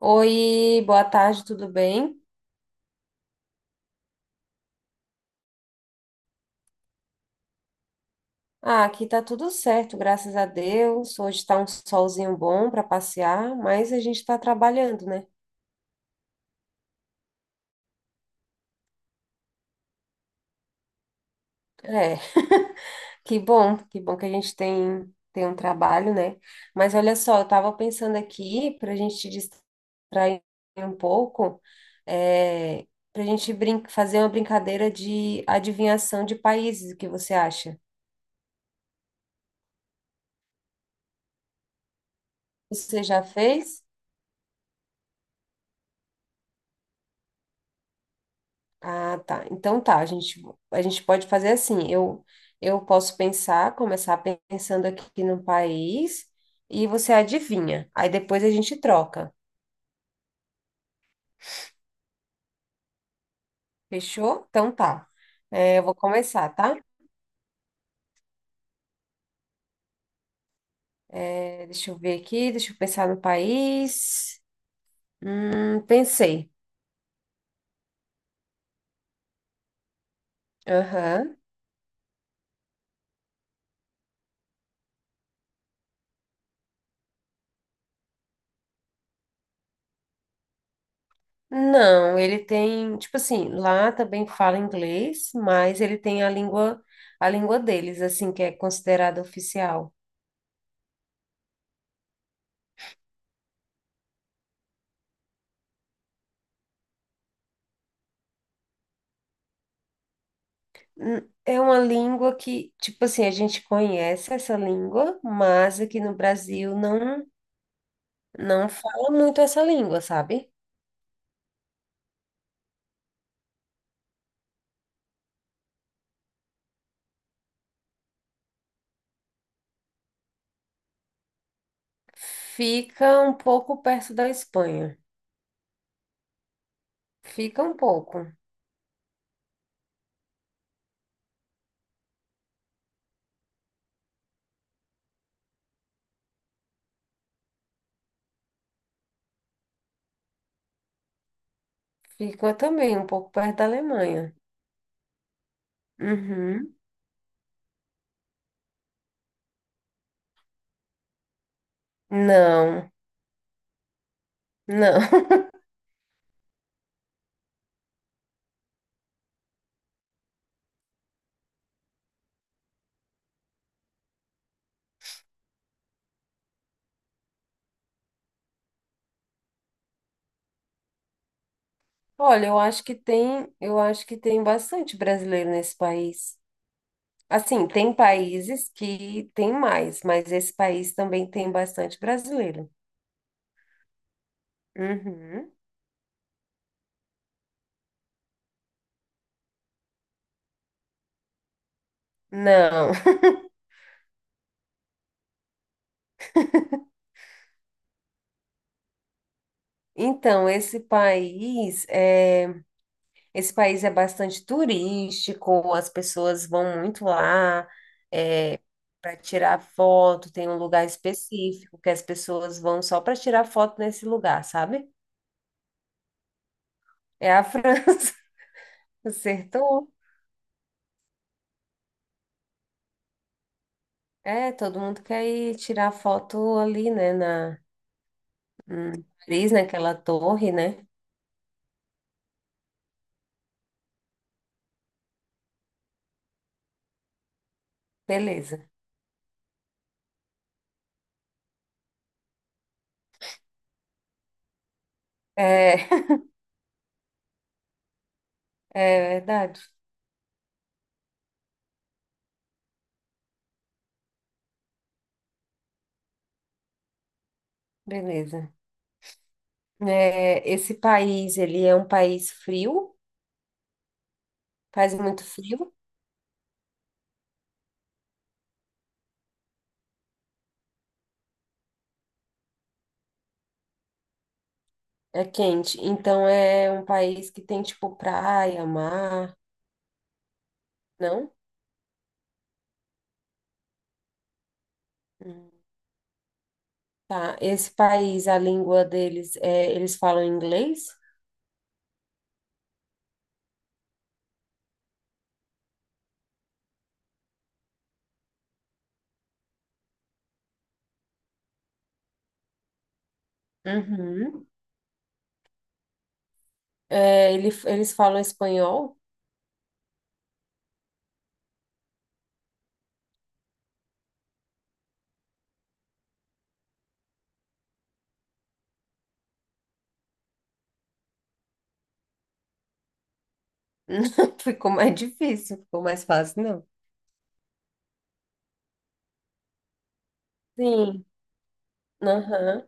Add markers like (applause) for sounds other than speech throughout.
Oi, boa tarde, tudo bem? Ah, aqui tá tudo certo, graças a Deus. Hoje tá um solzinho bom para passear, mas a gente tá trabalhando, né? É, (laughs) que bom, que bom que a gente tem um trabalho, né? Mas olha só, eu tava pensando aqui para a gente te distrair um pouco, é, para a gente brin fazer uma brincadeira de adivinhação de países, o que você acha? Você já fez? Ah, tá. Então tá, a gente pode fazer assim. Eu posso pensar, começar pensando aqui no país e você adivinha. Aí depois a gente troca. Fechou? Então tá. É, eu vou começar, tá? É, deixa eu ver aqui, deixa eu pensar no país. Pensei. Aham. Não, ele tem, tipo assim, lá também fala inglês, mas ele tem a língua deles, assim, que é considerada oficial. Hum, É uma língua que, tipo assim, a gente conhece essa língua, mas aqui no Brasil não fala muito essa língua, sabe? Fica um pouco perto da Espanha. Fica um pouco. Fica também um pouco perto da Alemanha. Uhum. Não, não. (laughs) Olha, eu acho que tem, eu acho que tem bastante brasileiro nesse país. Assim, tem países que tem mais, mas esse país também tem bastante brasileiro. Uhum. Não. (laughs) Então, esse país é bastante turístico, as pessoas vão muito lá, é, para tirar foto, tem um lugar específico que as pessoas vão só para tirar foto nesse lugar, sabe? É a (laughs) França. Acertou. É, todo mundo quer ir tirar foto ali, né, na em Paris, naquela torre, né? Beleza. É, (laughs) é verdade. Beleza. É, esse país, ele é um país frio, faz muito frio, é quente. Então é um país que tem tipo praia, mar, não? Hum. Tá. Esse país, a língua deles é, eles falam inglês? Uhum. É, eles falam espanhol? (laughs) Não, ficou mais difícil, ficou mais fácil, não? Sim. Aham.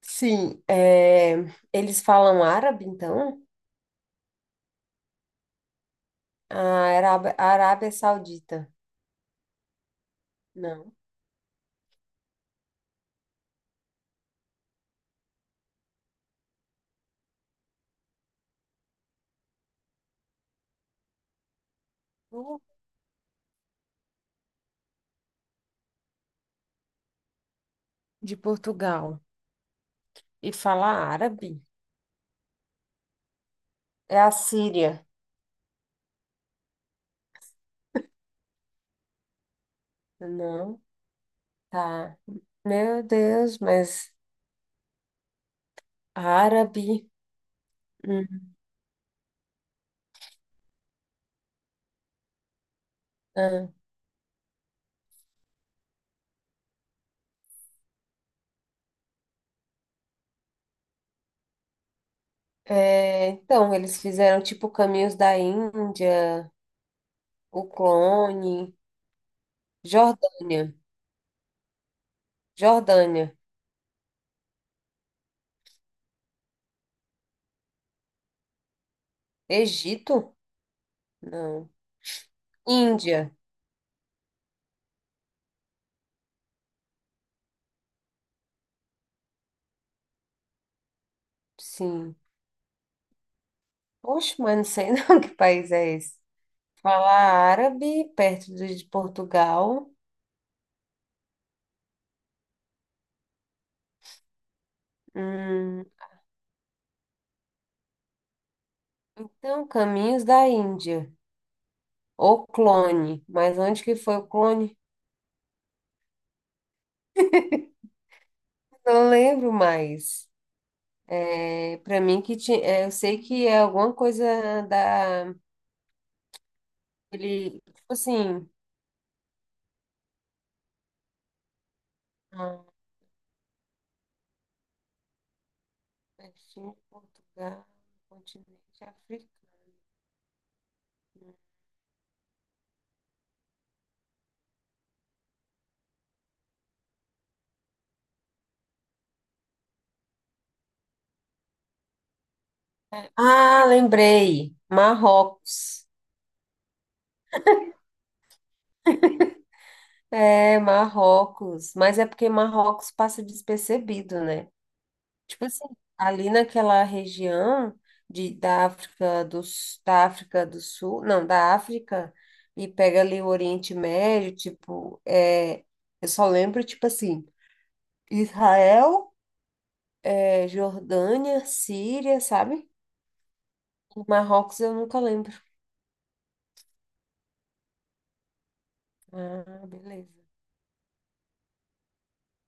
Sim. É, eles falam árabe, então? A a Arábia Saudita. Não. De Portugal e fala árabe? É a Síria. Não, tá. Meu Deus, mas árabe. Hum, ah. É, então, eles fizeram tipo Caminhos da Índia, O Clone, Jordânia, Jordânia, Egito? Não. Índia, sim. Poxa, mas não sei não (laughs) que país é esse. Fala árabe, de Portugal. Hum, então, Caminhos da Índia. O Clone, mas onde que foi O Clone? Não lembro mais. É, para mim que tinha, é, eu sei que é alguma coisa da ele, tipo assim, ah, Palestina, Portugal, continente africano. Ah, lembrei. Marrocos. É, Marrocos, mas é porque Marrocos passa despercebido, né? Tipo assim, ali naquela região da da África do Sul, não, da África, e pega ali o Oriente Médio, tipo, é, eu só lembro, tipo assim, Israel, é, Jordânia, Síria, sabe? E Marrocos eu nunca lembro. Ah, beleza.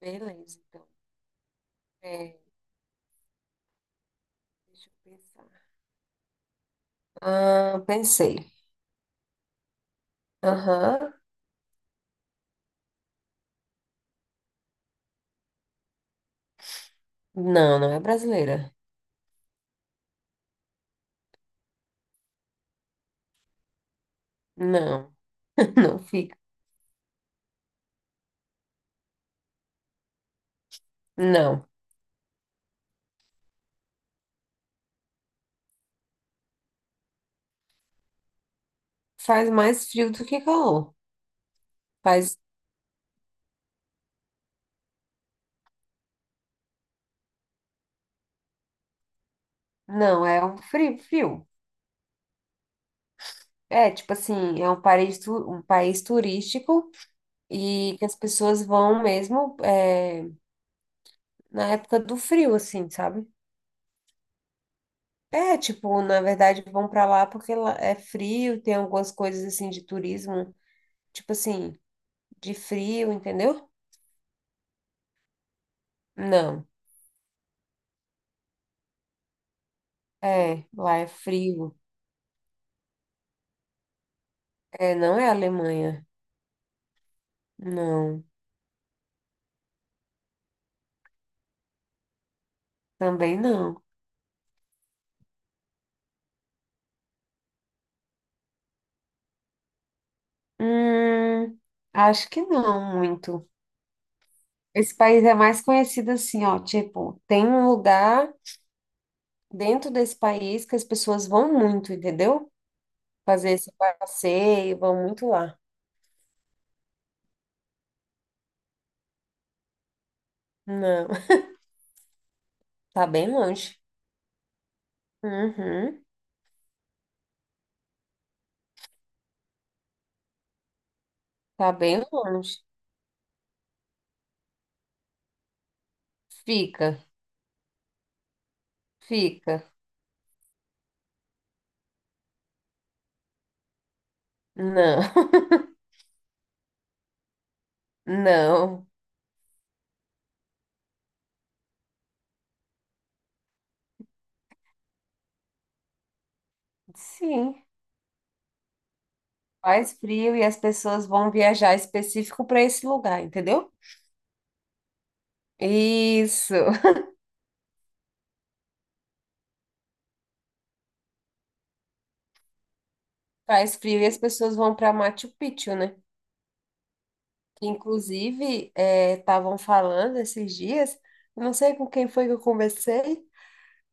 Beleza, então. É, deixa eu pensar. Ah, pensei. Aham. Não, não é brasileira. Não, (laughs) não fica. Não. Faz mais frio do que calor. Faz, não, é um frio, frio. É, tipo assim, é um país, um país turístico e que as pessoas vão mesmo é, na época do frio, assim, sabe? É, tipo, na verdade vão pra lá porque lá é frio, tem algumas coisas assim de turismo, tipo assim, de frio, entendeu? Não, é, lá é frio. É, não é Alemanha. Não, também não. Hum, acho que não muito. Esse país é mais conhecido assim, ó, tipo, tem um lugar dentro desse país que as pessoas vão muito, entendeu? Fazer esse passeio, vão muito lá. Não, (laughs) tá bem longe. Uhum, tá bem longe. Fica, fica. Não, (laughs) não. Sim, faz frio e as pessoas vão viajar específico para esse lugar, entendeu? Isso. (laughs) Faz frio e as pessoas vão para Machu Picchu, né? Inclusive, estavam falando esses dias, não sei com quem foi que eu conversei,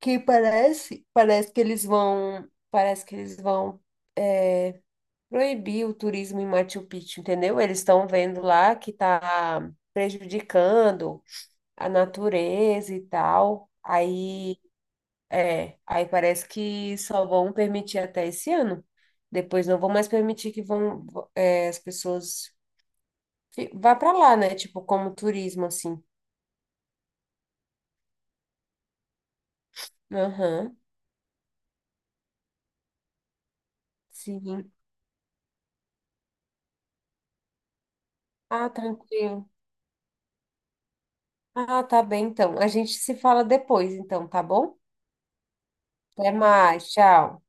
que parece que eles vão, parece que eles vão, é, proibir o turismo em Machu Picchu, entendeu? Eles estão vendo lá que está prejudicando a natureza e tal. Aí, é, aí parece que só vão permitir até esse ano. Depois não vão mais permitir que vão, é, as pessoas vai pra lá, né? Tipo, como turismo, assim. Aham, sim. Ah, tranquilo. Ah, tá bem, então. A gente se fala depois, então, tá bom? Até mais, tchau.